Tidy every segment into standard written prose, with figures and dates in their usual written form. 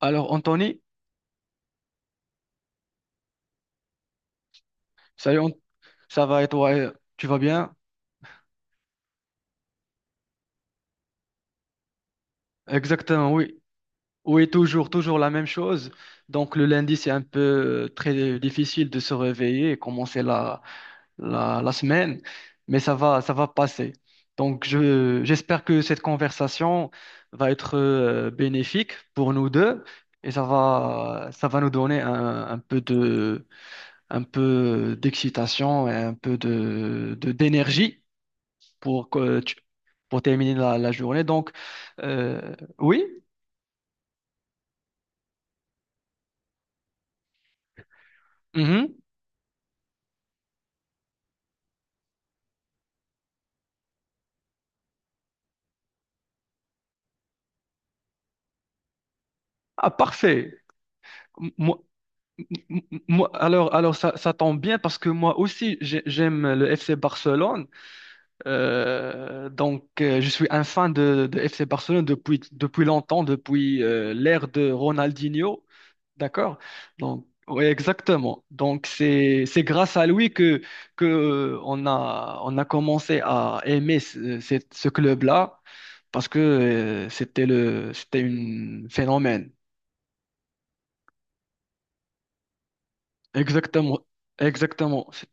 Alors, Anthony, salut, Ant- ça va et toi, tu vas bien? Exactement, oui. Oui, toujours, toujours la même chose. Donc, le lundi, c'est un peu très difficile de se réveiller et commencer la semaine, mais ça va passer. Donc, j'espère que cette conversation va être bénéfique pour nous deux et ça va nous donner un peu de, un peu d'excitation et un peu de d'énergie pour, que tu- pour terminer la journée. Donc, oui, mhm. Ah, parfait. Moi, alors ça tombe bien parce que moi aussi, j'aime le FC Barcelone. Donc, je suis un fan de FC Barcelone depuis, depuis longtemps, depuis l'ère de Ronaldinho. D'accord? Donc, oui, exactement. Donc, c'est grâce à lui que on a commencé à aimer ce club-là parce que c'était c'était un phénomène. Exactement. Exactement. C'est-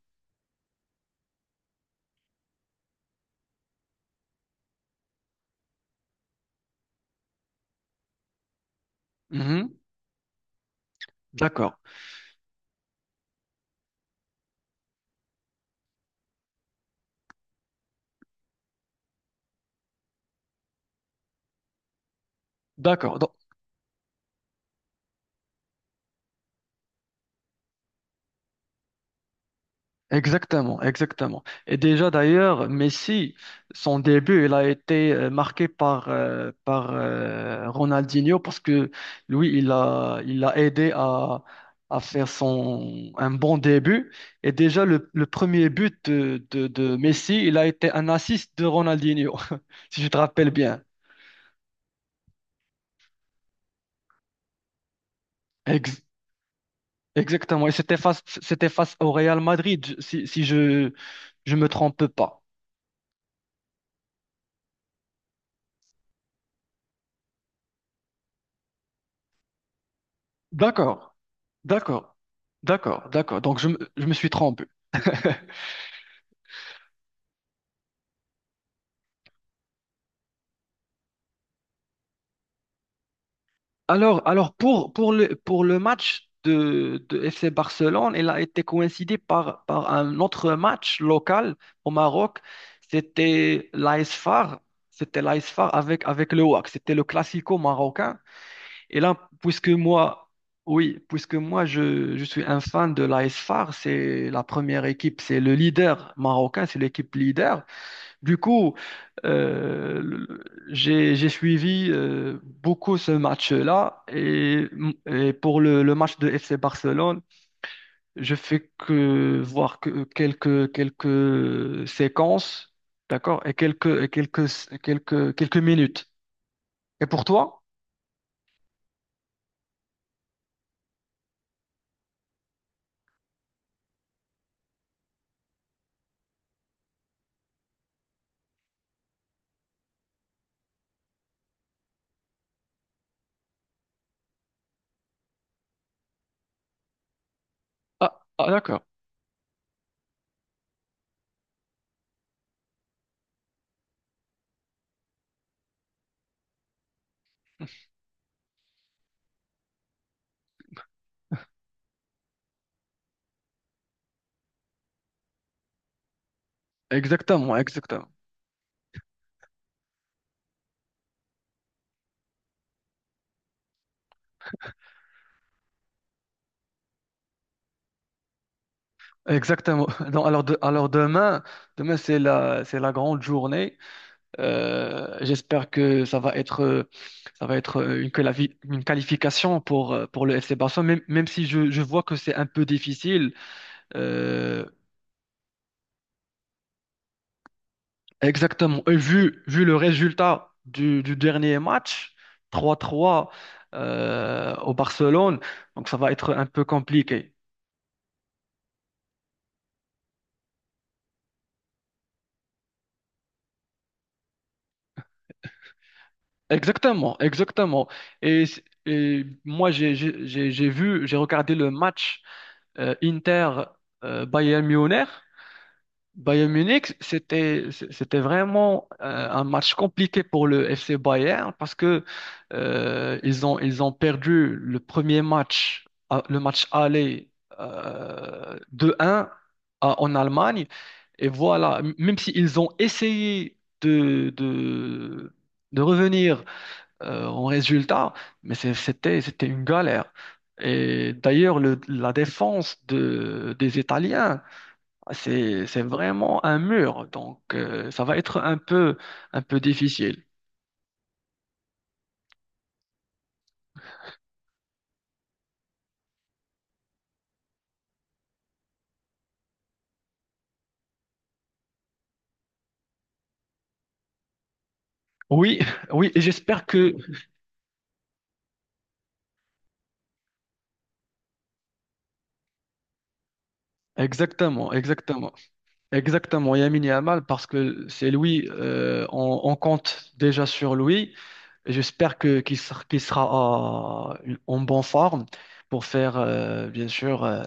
Mhm. D'accord. D'accord. Exactement, exactement. Et déjà d'ailleurs, Messi, son début, il a été marqué par Ronaldinho parce que lui, il a aidé à faire un bon début. Et déjà, le premier but de Messi, il a été un assist de Ronaldinho, si je te rappelle bien. Ex- exactement. Et c'était face au Real Madrid, si je ne me trompe pas. D'accord. D'accord, d'accord. Donc je me suis trompé. Alors pour le match de FC Barcelone, il a été coïncidé par, par un autre match local au Maroc. C'était l'AS FAR. C'était l'AS FAR avec, avec le WAC. C'était le classico marocain. Et là, puisque moi, oui, puisque moi, je suis un fan de l'AS FAR, c'est la première équipe, c'est le leader marocain, c'est l'équipe leader. Du coup, euh, le- j'ai suivi beaucoup ce match-là et pour le match de FC Barcelone, je fais que voir que quelques séquences, d'accord, et quelques quelques minutes. Et pour toi? Ah, ah, d'accord. Exactement, exactement. Donc, alors demain, demain c'est la grande journée. J'espère que ça va être une qualification pour le FC Barcelone, même, même si je vois que c'est un peu difficile. Euh, exactement. Et vu, vu le résultat du dernier match, 3-3 au Barcelone, donc ça va être un peu compliqué. Exactement, exactement. Et, et moi, j'ai vu, j'ai regardé le match Inter Bayern Munich. Bayern Munich, c'était vraiment un match compliqué pour le FC Bayern parce que ils ont perdu le premier match, le match aller 2-1 en Allemagne et voilà, même s'ils ont essayé de revenir en résultat, mais c'était une galère. Et d'ailleurs, la défense des Italiens c'est vraiment un mur, donc ça va être un peu difficile. Oui, oui, et j'espère que... Exactement, exactement. Exactement, Lamine Yamal, parce que c'est lui, on compte déjà sur lui. J'espère que qu'il sera, en bonne forme pour faire, bien sûr,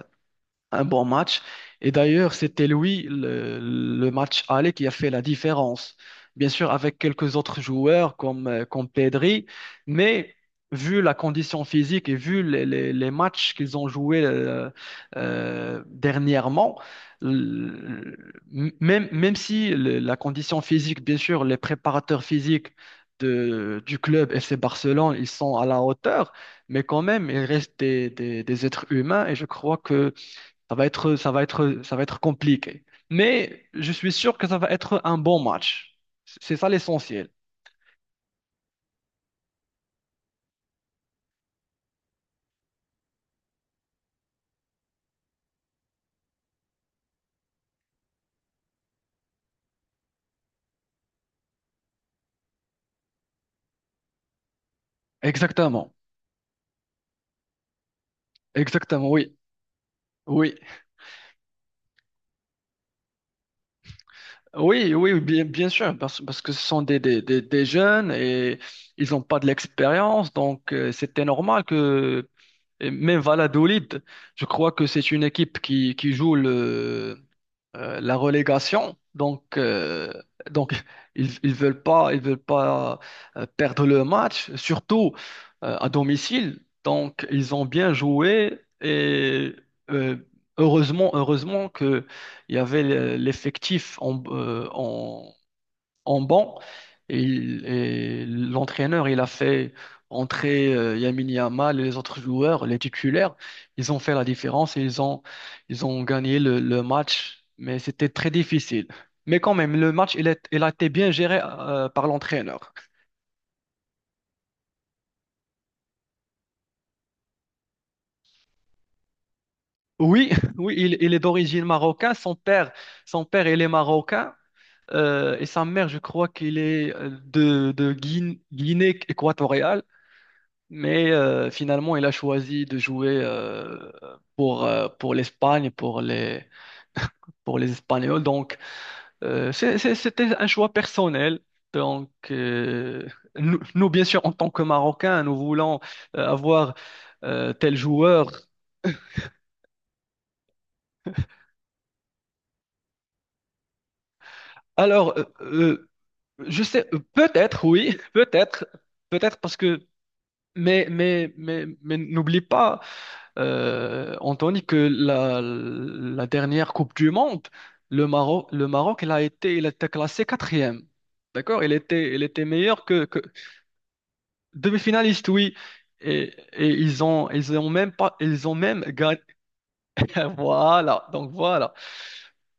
un bon match. Et d'ailleurs, c'était lui, le match aller, qui a fait la différence. Bien sûr, avec quelques autres joueurs comme Pedri, mais vu la condition physique et vu les matchs qu'ils ont joués dernièrement, l- même, même si la condition physique, bien sûr, les préparateurs physiques du club FC Barcelone, ils sont à la hauteur, mais quand même, ils restent des êtres humains et je crois que ça va être compliqué. Mais je suis sûr que ça va être un bon match. C'est ça l'essentiel. Exactement. Exactement, oui. Oui, oui, bien, bien sûr, parce que ce sont des jeunes et ils n'ont pas de l'expérience, donc c'était normal que et même Valladolid, je crois que c'est une équipe qui joue la relégation. Donc ils veulent pas perdre le match, surtout à domicile. Donc, ils ont bien joué et euh, heureusement que il y avait l'effectif en banc. Et, et l'entraîneur, il a fait entrer Lamine Yamal et les autres joueurs, les titulaires. Ils ont fait la différence et ils ont gagné le match. Mais c'était très difficile. Mais quand même, le match, il a été bien géré par l'entraîneur. Oui, oui, il est d'origine marocaine. Son père, il est marocain. Et sa mère, je crois qu'il est de Guin- Guinée équatoriale. Mais finalement, il a choisi de jouer pour l'Espagne, pour les Espagnols. Donc, c'était un choix personnel. Donc, nous, bien sûr, en tant que Marocains, nous voulons avoir tel joueur. Alors, je sais, peut-être, oui, peut-être, peut-être parce que, mais n'oublie pas. Anthony, que la dernière Coupe du Monde, le Maroc, il a été classé quatrième. D'accord? Il était meilleur que demi-finaliste, oui. Et, ils ont même pas, ils ont même gagné. Voilà. Donc voilà.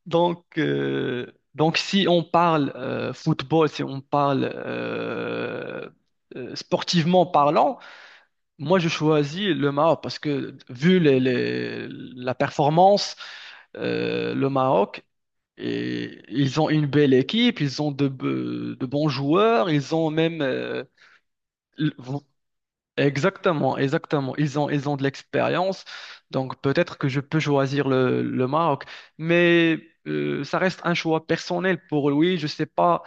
Donc si on parle football, si on parle sportivement parlant, moi, je choisis le Maroc parce que vu la performance, le Maroc, et, ils ont une belle équipe, ils ont de bons joueurs, ils ont même... exactement, exactement. Ils ont de l'expérience, donc peut-être que je peux choisir le Maroc, mais ça reste un choix personnel pour lui. Je sais pas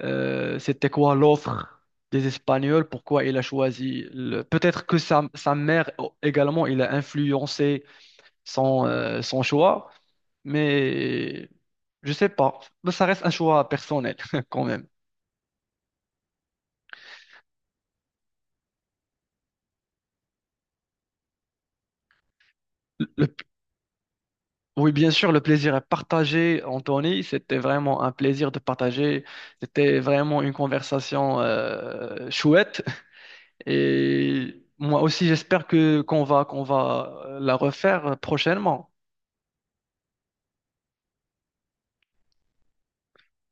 c'était quoi l'offre des Espagnols, pourquoi il a choisi. Peut-être que sa mère oh, également, il a influencé son choix, mais je sais pas. Mais ça reste un choix personnel quand même. Le oui, bien sûr, le plaisir est partagé, Anthony. C'était vraiment un plaisir de partager. C'était vraiment une conversation chouette. Et moi aussi, j'espère que qu'on va la refaire prochainement.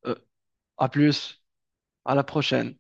Euh, à plus, à la prochaine.